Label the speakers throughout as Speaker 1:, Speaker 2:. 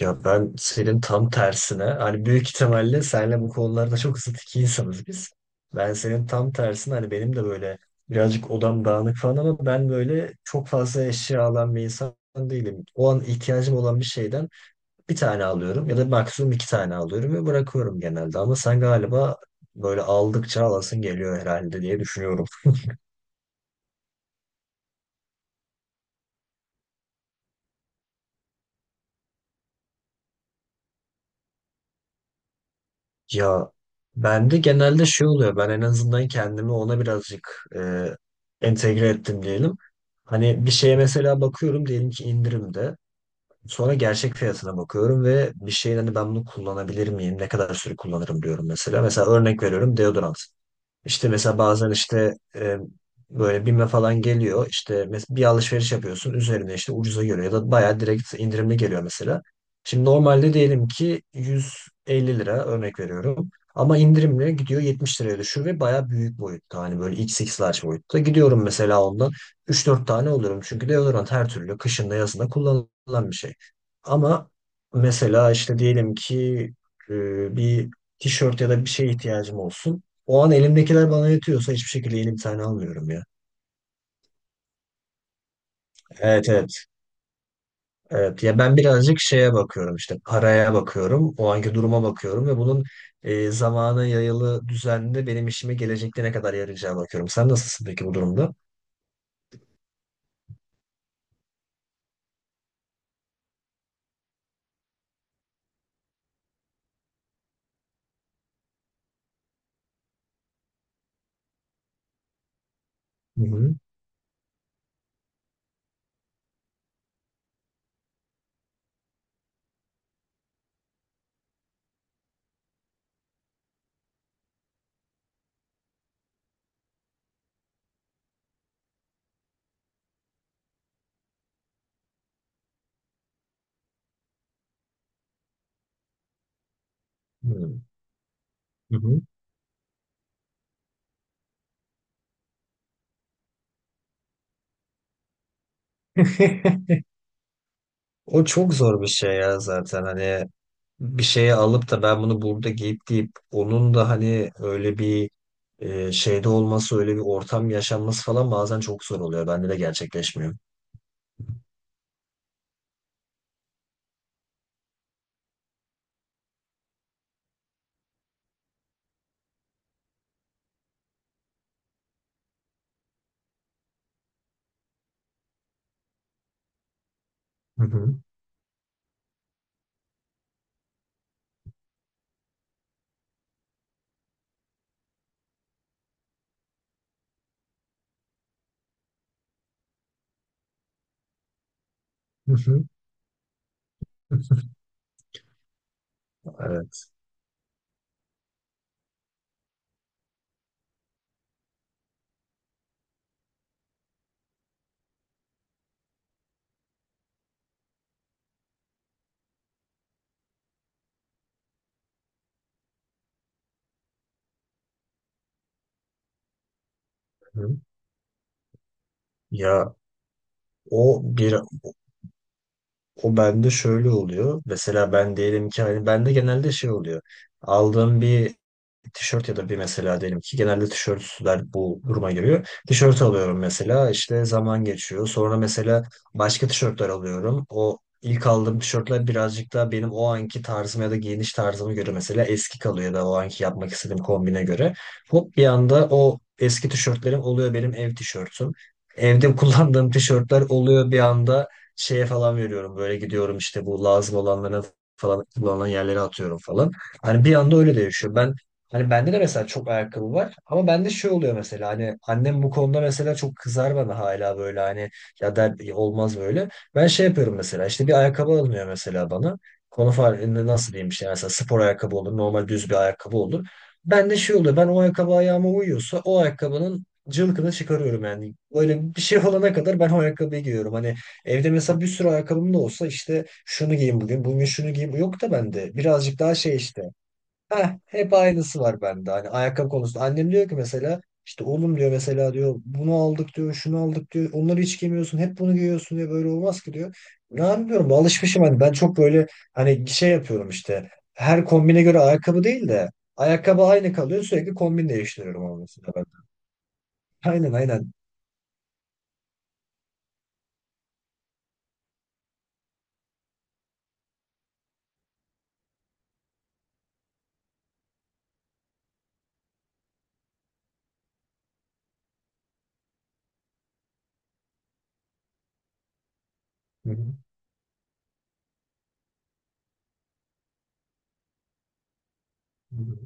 Speaker 1: Ya ben senin tam tersine hani büyük ihtimalle senle bu konularda çok zıt iki insanız biz. Ben senin tam tersine hani benim de böyle birazcık odam dağınık falan ama ben böyle çok fazla eşya alan bir insan değilim. O an ihtiyacım olan bir şeyden bir tane alıyorum ya da maksimum iki tane alıyorum ve bırakıyorum genelde. Ama sen galiba böyle aldıkça alasın geliyor herhalde diye düşünüyorum. Ya bende genelde şey oluyor. Ben en azından kendimi ona birazcık entegre ettim diyelim. Hani bir şeye mesela bakıyorum diyelim ki indirimde. Sonra gerçek fiyatına bakıyorum ve bir şeyin hani ben bunu kullanabilir miyim? Ne kadar süre kullanırım diyorum mesela. Mesela örnek veriyorum deodorant. İşte mesela bazen işte böyle BİM'e falan geliyor. İşte bir alışveriş yapıyorsun. Üzerine işte ucuza geliyor ya da bayağı direkt indirimli geliyor mesela. Şimdi normalde diyelim ki 150 lira örnek veriyorum. Ama indirimle gidiyor 70 liraya düşüyor ve bayağı büyük boyutta. Hani böyle XX large boyutta. Gidiyorum mesela ondan 3-4 tane olurum. Çünkü deodorant her türlü kışında yazında kullanılan bir şey. Ama mesela işte diyelim ki bir tişört ya da bir şeye ihtiyacım olsun. O an elimdekiler bana yetiyorsa hiçbir şekilde yeni bir tane almıyorum ya. Evet, evet. Evet. Ya ben birazcık şeye bakıyorum işte paraya bakıyorum. O anki duruma bakıyorum ve bunun zamana yayılı düzenli benim işime gelecekte ne kadar yarayacağı bakıyorum. Sen nasılsın peki bu durumda? Hı hı. Hı hı. O çok zor bir şey ya zaten hani bir şeye alıp da ben bunu burada giyip deyip onun da hani öyle bir şeyde olması, öyle bir ortam yaşanması falan bazen çok zor oluyor. Bende de gerçekleşmiyor. Hı hı. Hı hı. Evet. Hı. Ya o bir O bende şöyle oluyor. Mesela ben diyelim ki hani bende genelde şey oluyor. Aldığım bir tişört ya da bir mesela diyelim ki genelde tişörtler bu duruma giriyor. Tişört alıyorum mesela işte zaman geçiyor. Sonra mesela başka tişörtler alıyorum. O ilk aldığım tişörtler birazcık daha benim o anki tarzıma ya da giyiniş tarzıma göre mesela eski kalıyor ya da o anki yapmak istediğim kombine göre. Hop bir anda o eski tişörtlerim oluyor benim ev tişörtüm. Evde kullandığım tişörtler oluyor bir anda şeye falan veriyorum. Böyle gidiyorum işte bu lazım olanlara falan kullanılan yerlere atıyorum falan. Hani bir anda öyle değişiyor. Hani bende de mesela çok ayakkabı var ama bende şey oluyor mesela hani annem bu konuda mesela çok kızar bana hala böyle hani ya der "Ya olmaz böyle." Ben şey yapıyorum mesela işte bir ayakkabı alınıyor mesela bana. Konu farkında nasıl diyeyim işte mesela spor ayakkabı olur normal düz bir ayakkabı olur. Bende şey oluyor ben o ayakkabı ayağıma uyuyorsa o ayakkabının cılkını çıkarıyorum yani. Böyle bir şey olana kadar ben o ayakkabıyı giyiyorum. Hani evde mesela bir sürü ayakkabım da olsa işte şunu giyeyim bugün, bugün şunu giyeyim. Yok da bende birazcık daha şey işte. Heh, hep aynısı var bende. Hani ayakkabı konusunda. Annem diyor ki mesela işte oğlum diyor mesela diyor bunu aldık diyor şunu aldık diyor. Onları hiç giymiyorsun. Hep bunu giyiyorsun diyor. Böyle olmaz ki diyor. Ne yapıyorum? Alışmışım hani. Ben çok böyle hani şey yapıyorum işte. Her kombine göre ayakkabı değil de ayakkabı aynı kalıyor. Sürekli kombin değiştiriyorum ama mesela ben. Aynen, aynen. Hı hı. Hı hı.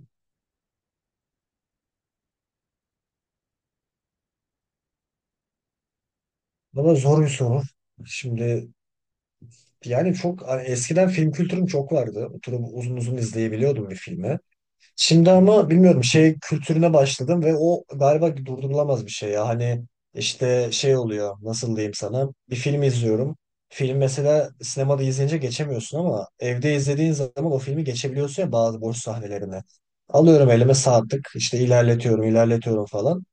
Speaker 1: Valla zor bir soru. Şimdi yani çok hani eskiden film kültürüm çok vardı. Oturup uzun uzun izleyebiliyordum bir filmi. Şimdi ama bilmiyorum şey kültürüne başladım ve o galiba durdurulamaz bir şey ya. Hani işte şey oluyor nasıl diyeyim sana bir film izliyorum. Film mesela sinemada izleyince geçemiyorsun ama evde izlediğin zaman o filmi geçebiliyorsun ya bazı boş sahnelerini. Alıyorum elime saatlik işte ilerletiyorum ilerletiyorum falan.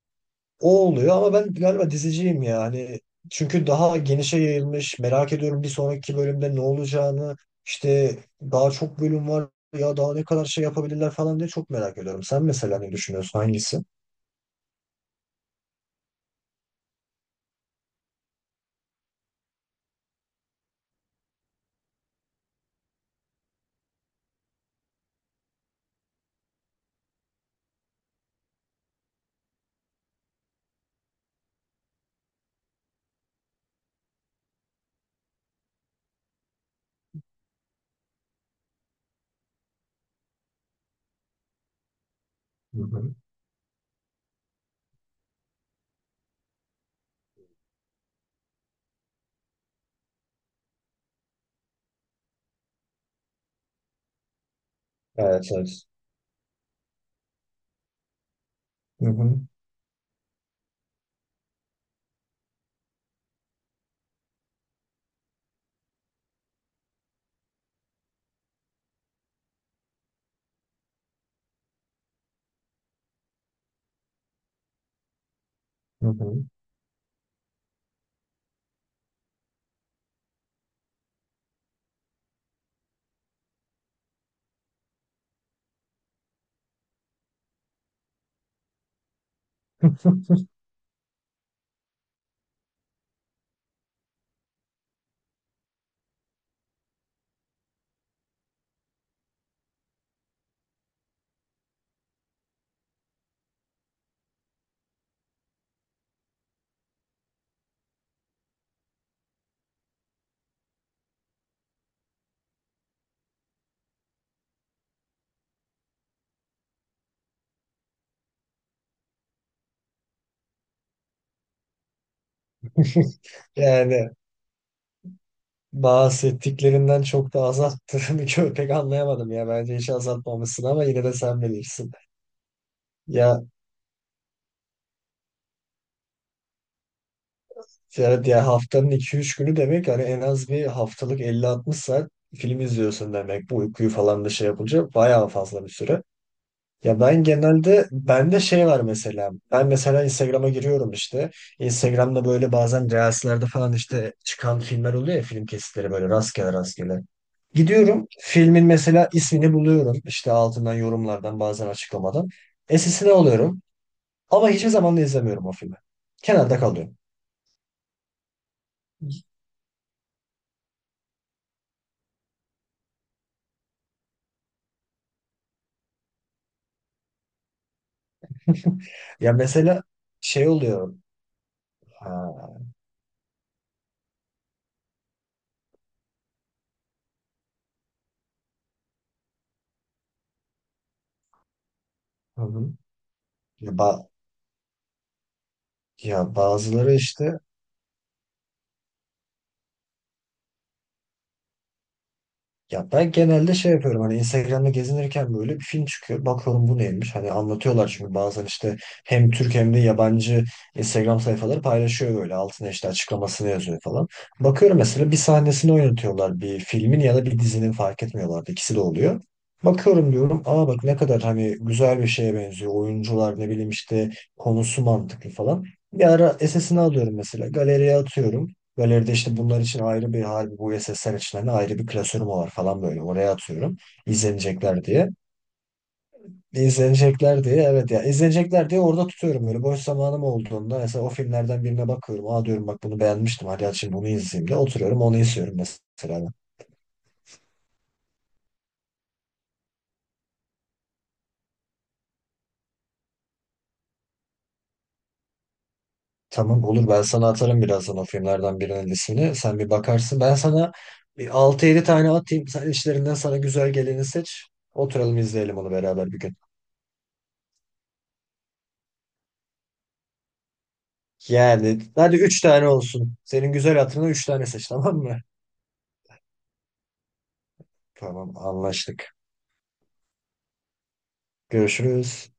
Speaker 1: O oluyor ama ben galiba diziciyim yani. Çünkü daha genişe yayılmış. Merak ediyorum bir sonraki bölümde ne olacağını. İşte daha çok bölüm var. Ya daha ne kadar şey yapabilirler falan diye çok merak ediyorum. Sen mesela ne düşünüyorsun? Hangisi? Hı hı. Evet, evet. Hı hı. Hı hı. Yani bahsettiklerinden çok da azalttığını pek anlayamadım ya. Bence hiç azaltmamışsın ama yine de sen bilirsin. Ya yani diğer haftanın 2-3 günü demek hani en az bir haftalık 50-60 saat film izliyorsun demek. Bu uykuyu falan da şey yapınca bayağı fazla bir süre. Ya ben genelde bende şey var mesela. Ben mesela Instagram'a giriyorum işte. Instagram'da böyle bazen reelslerde falan işte çıkan filmler oluyor ya film kesitleri böyle rastgele rastgele. Gidiyorum filmin mesela ismini buluyorum. İşte altından yorumlardan bazen açıklamadan. Esisine alıyorum. Ama hiçbir zaman da izlemiyorum o filmi. Kenarda kalıyor. Ya mesela şey oluyor. Ha, hı hı. Ya, ya bazıları işte. Ya ben genelde şey yapıyorum hani Instagram'da gezinirken böyle bir film çıkıyor. Bakıyorum bu neymiş? Hani anlatıyorlar çünkü bazen işte hem Türk hem de yabancı Instagram sayfaları paylaşıyor böyle. Altına işte açıklamasını yazıyor falan. Bakıyorum mesela bir sahnesini oynatıyorlar bir filmin ya da bir dizinin fark etmiyorlar. İkisi de oluyor. Bakıyorum diyorum aa bak ne kadar hani güzel bir şeye benziyor. Oyuncular ne bileyim işte konusu mantıklı falan. Bir ara SS'ini alıyorum mesela galeriye atıyorum. Galeride işte bunlar için ayrı bir harbi bu sesler için hani ayrı bir klasörüm var falan böyle. Oraya atıyorum. İzlenecekler diye. İzlenecekler diye, evet, ya izlenecekler diye orada tutuyorum böyle boş zamanım olduğunda mesela o filmlerden birine bakıyorum aa diyorum bak bunu beğenmiştim hadi aç şimdi bunu izleyeyim de oturuyorum onu izliyorum mesela. Tamam, olur, ben sana atarım birazdan o filmlerden birinin ismini sen bir bakarsın ben sana bir 6-7 tane atayım sen içlerinden sana güzel geleni seç oturalım izleyelim onu beraber bir gün. Yani hadi üç tane olsun. Senin güzel hatırına üç tane seç, tamam mı? Tamam, anlaştık. Görüşürüz.